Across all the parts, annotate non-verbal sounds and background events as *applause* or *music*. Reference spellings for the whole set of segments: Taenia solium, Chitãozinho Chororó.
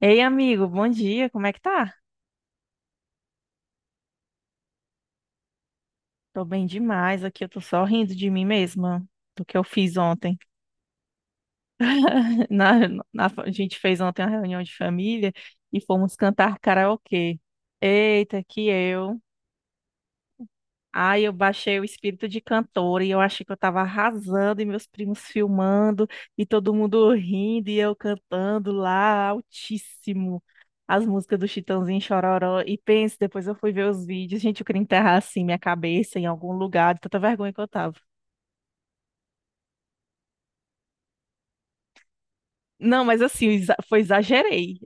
Ei, amigo, bom dia, como é que tá? Tô bem demais aqui, eu tô só rindo de mim mesma do que eu fiz ontem. *laughs* Na, a gente fez ontem uma reunião de família e fomos cantar karaokê. Eita, que eu. Aí eu baixei o espírito de cantora e eu achei que eu tava arrasando e meus primos filmando e todo mundo rindo e eu cantando lá altíssimo as músicas do Chitãozinho Chororó. E pense, depois eu fui ver os vídeos, gente, eu queria enterrar assim minha cabeça em algum lugar, de tanta vergonha que eu tava. Não, mas assim, foi exagerei.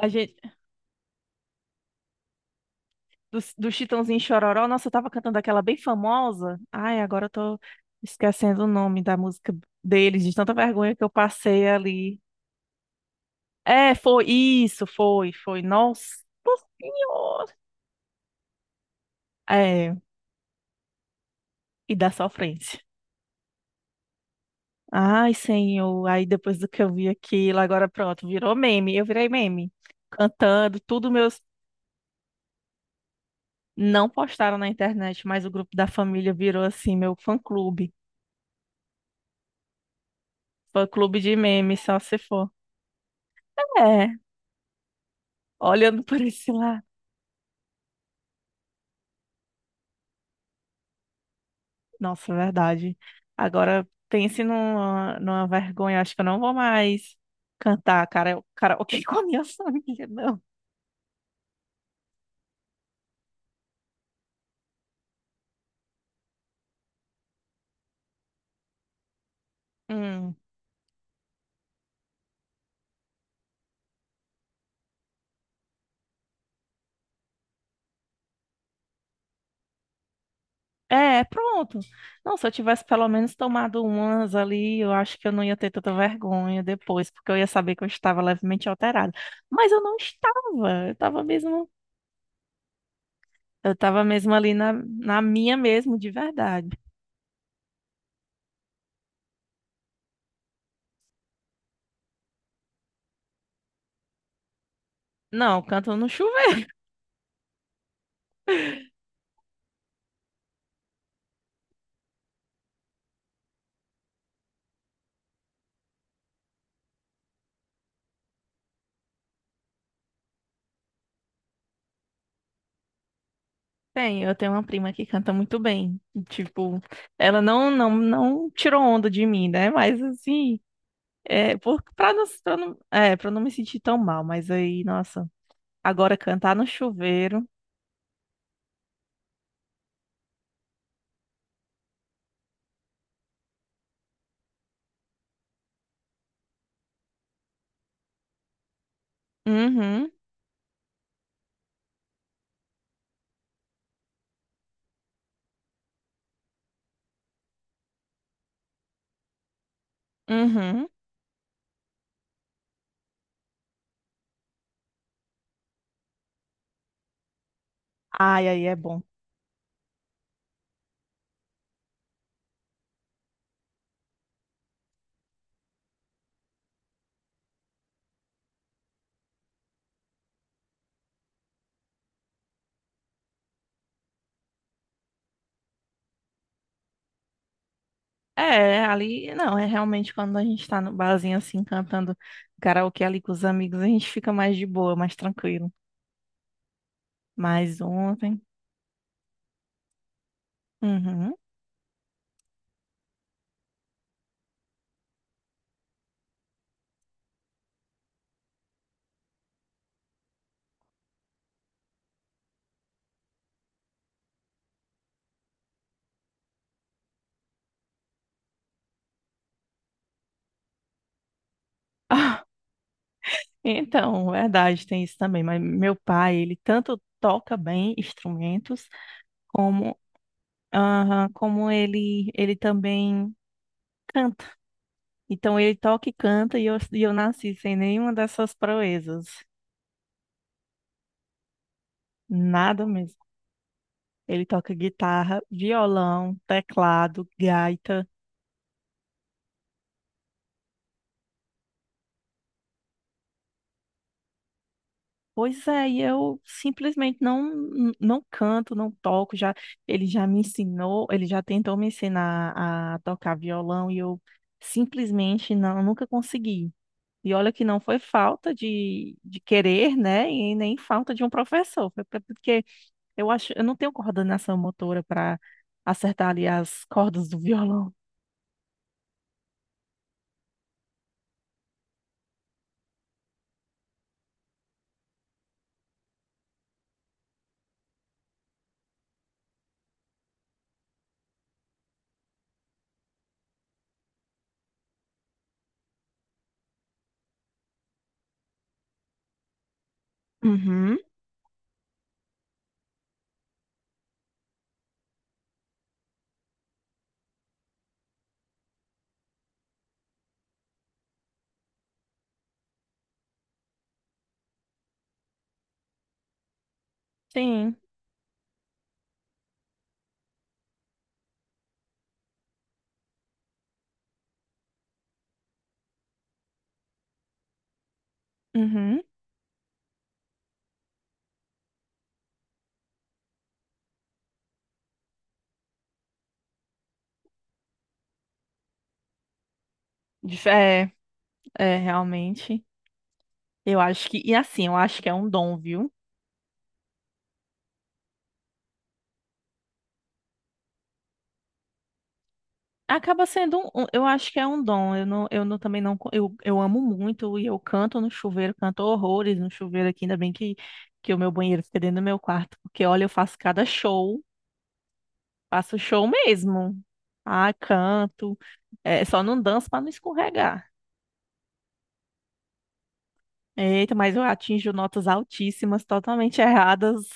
A gente, do Chitãozinho Chororó, nossa, eu tava cantando aquela bem famosa. Ai, agora eu tô esquecendo o nome da música deles, de tanta vergonha que eu passei ali. É, foi isso, foi, foi. Nossa Senhora. É, e da sofrência. Ai, Senhor. Aí depois do que eu vi aquilo, agora pronto, virou meme. Eu virei meme. Cantando, tudo meus. Não postaram na internet, mas o grupo da família virou assim, meu fã-clube. Fã-clube de meme, só se for. É, olhando por esse lado. Nossa, é verdade. Agora pense numa vergonha. Acho que eu não vou mais cantar cara, karaokê *laughs* com a minha família, não. Hum. É, pronto. Não, se eu tivesse pelo menos tomado umas ali, eu acho que eu não ia ter tanta vergonha depois, porque eu ia saber que eu estava levemente alterada. Mas eu não estava. Eu estava mesmo ali na, na minha mesmo, de verdade. Não, canto no chuveiro. Tem, eu tenho uma prima que canta muito bem. Tipo, ela não tirou onda de mim, né? Mas assim, é, por, pra não, é, pra não me sentir tão mal, mas aí, nossa, agora cantar no chuveiro. Uhum. Uhum. Ai, aí é bom. É, ali, não, é realmente quando a gente tá no barzinho assim, cantando karaokê ali com os amigos, a gente fica mais de boa, mais tranquilo. Mas ontem. Uhum. *laughs* Então, verdade, tem isso também. Mas meu pai, ele tanto toca bem instrumentos, como, aham, como ele também canta. Então, ele toca e canta, e eu nasci sem nenhuma dessas proezas. Nada mesmo. Ele toca guitarra, violão, teclado, gaita. Pois é, e eu simplesmente não canto, não toco, já ele já me ensinou, ele já tentou me ensinar a tocar violão e eu simplesmente não nunca consegui. E olha que não foi falta de querer, né? E nem falta de um professor, porque eu acho, eu não tenho coordenação motora para acertar ali as cordas do violão. Uhum. Sim. Uhum. É. É, realmente. Eu acho que, e assim, eu acho que é um dom, viu? Acaba sendo um, eu acho que é um dom. Eu não, também não, co- eu amo muito e eu canto no chuveiro, canto horrores no chuveiro aqui, ainda bem que o meu banheiro fica dentro do meu quarto, porque olha, eu faço cada show, faço show mesmo. Ah, canto. É, só não danço pra não escorregar. Eita, mas eu atinjo notas altíssimas, totalmente erradas.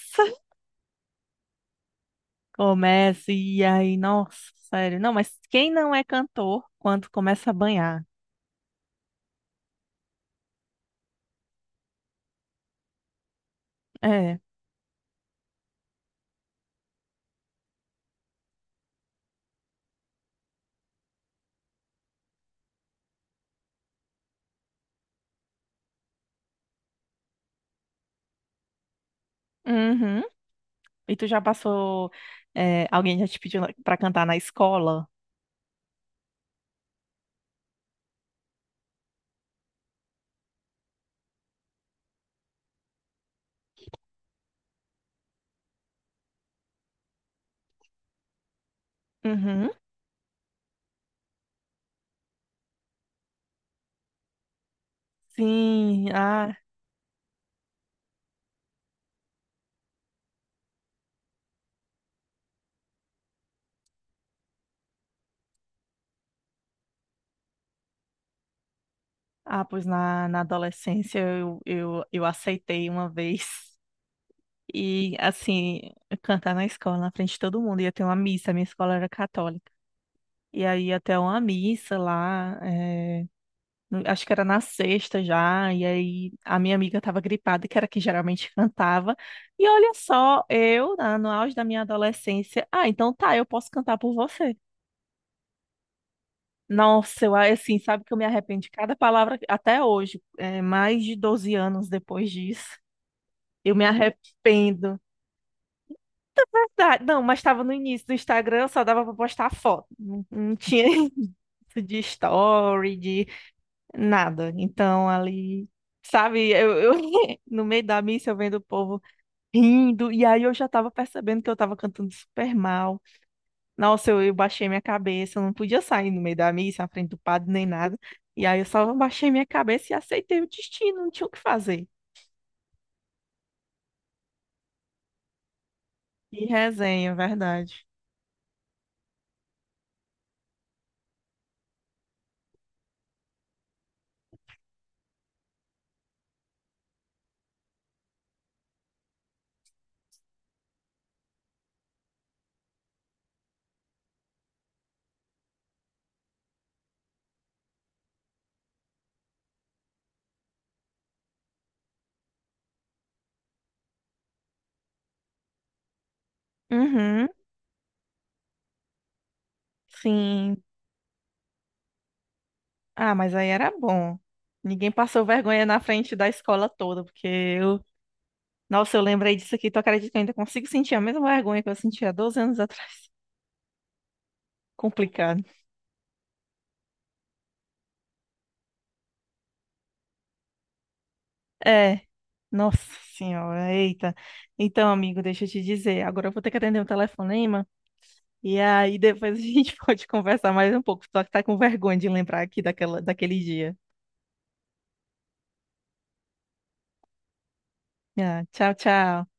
Começa e aí, nossa, sério. Não, mas quem não é cantor quando começa a banhar? É. Uhum. E tu já passou, é, alguém já te pediu pra cantar na escola? Uhum. Sim. Ah, ah, pois na, na adolescência eu aceitei uma vez. E assim, cantar na escola, na frente de todo mundo. Ia ter uma missa, minha escola era católica. E aí ia ter uma missa lá, é, acho que era na sexta já, e aí a minha amiga estava gripada, que era quem geralmente *laughs* cantava. E olha só, eu, no auge da minha adolescência, ah, então tá, eu posso cantar por você. Nossa, eu assim, sabe que eu me arrependo de cada palavra até hoje, é, mais de 12 anos depois disso. Eu me arrependo. Verdade. Não, mas estava no início do Instagram, só dava para postar foto. Não, não tinha *laughs* isso de story, de nada. Então, ali, sabe, eu *laughs* no meio da missa eu vendo o povo rindo, e aí eu já tava percebendo que eu tava cantando super mal. Nossa, eu baixei minha cabeça, eu não podia sair no meio da missa, na frente do padre, nem nada. E aí eu só baixei minha cabeça e aceitei o destino, não tinha o que fazer. E resenha, verdade. Uhum, sim. Ah, mas aí era bom. Ninguém passou vergonha na frente da escola toda, porque eu Nossa, eu lembrei disso aqui. Tu acredita que eu ainda consigo sentir a mesma vergonha que eu sentia há 12 anos atrás? *laughs* Complicado. É, nossa senhora, eita. Então, amigo, deixa eu te dizer. Agora eu vou ter que atender um telefonema. E aí depois a *laughs* gente pode conversar mais um pouco. Só que tá com vergonha de lembrar aqui daquela, daquele dia. Ah, tchau, tchau.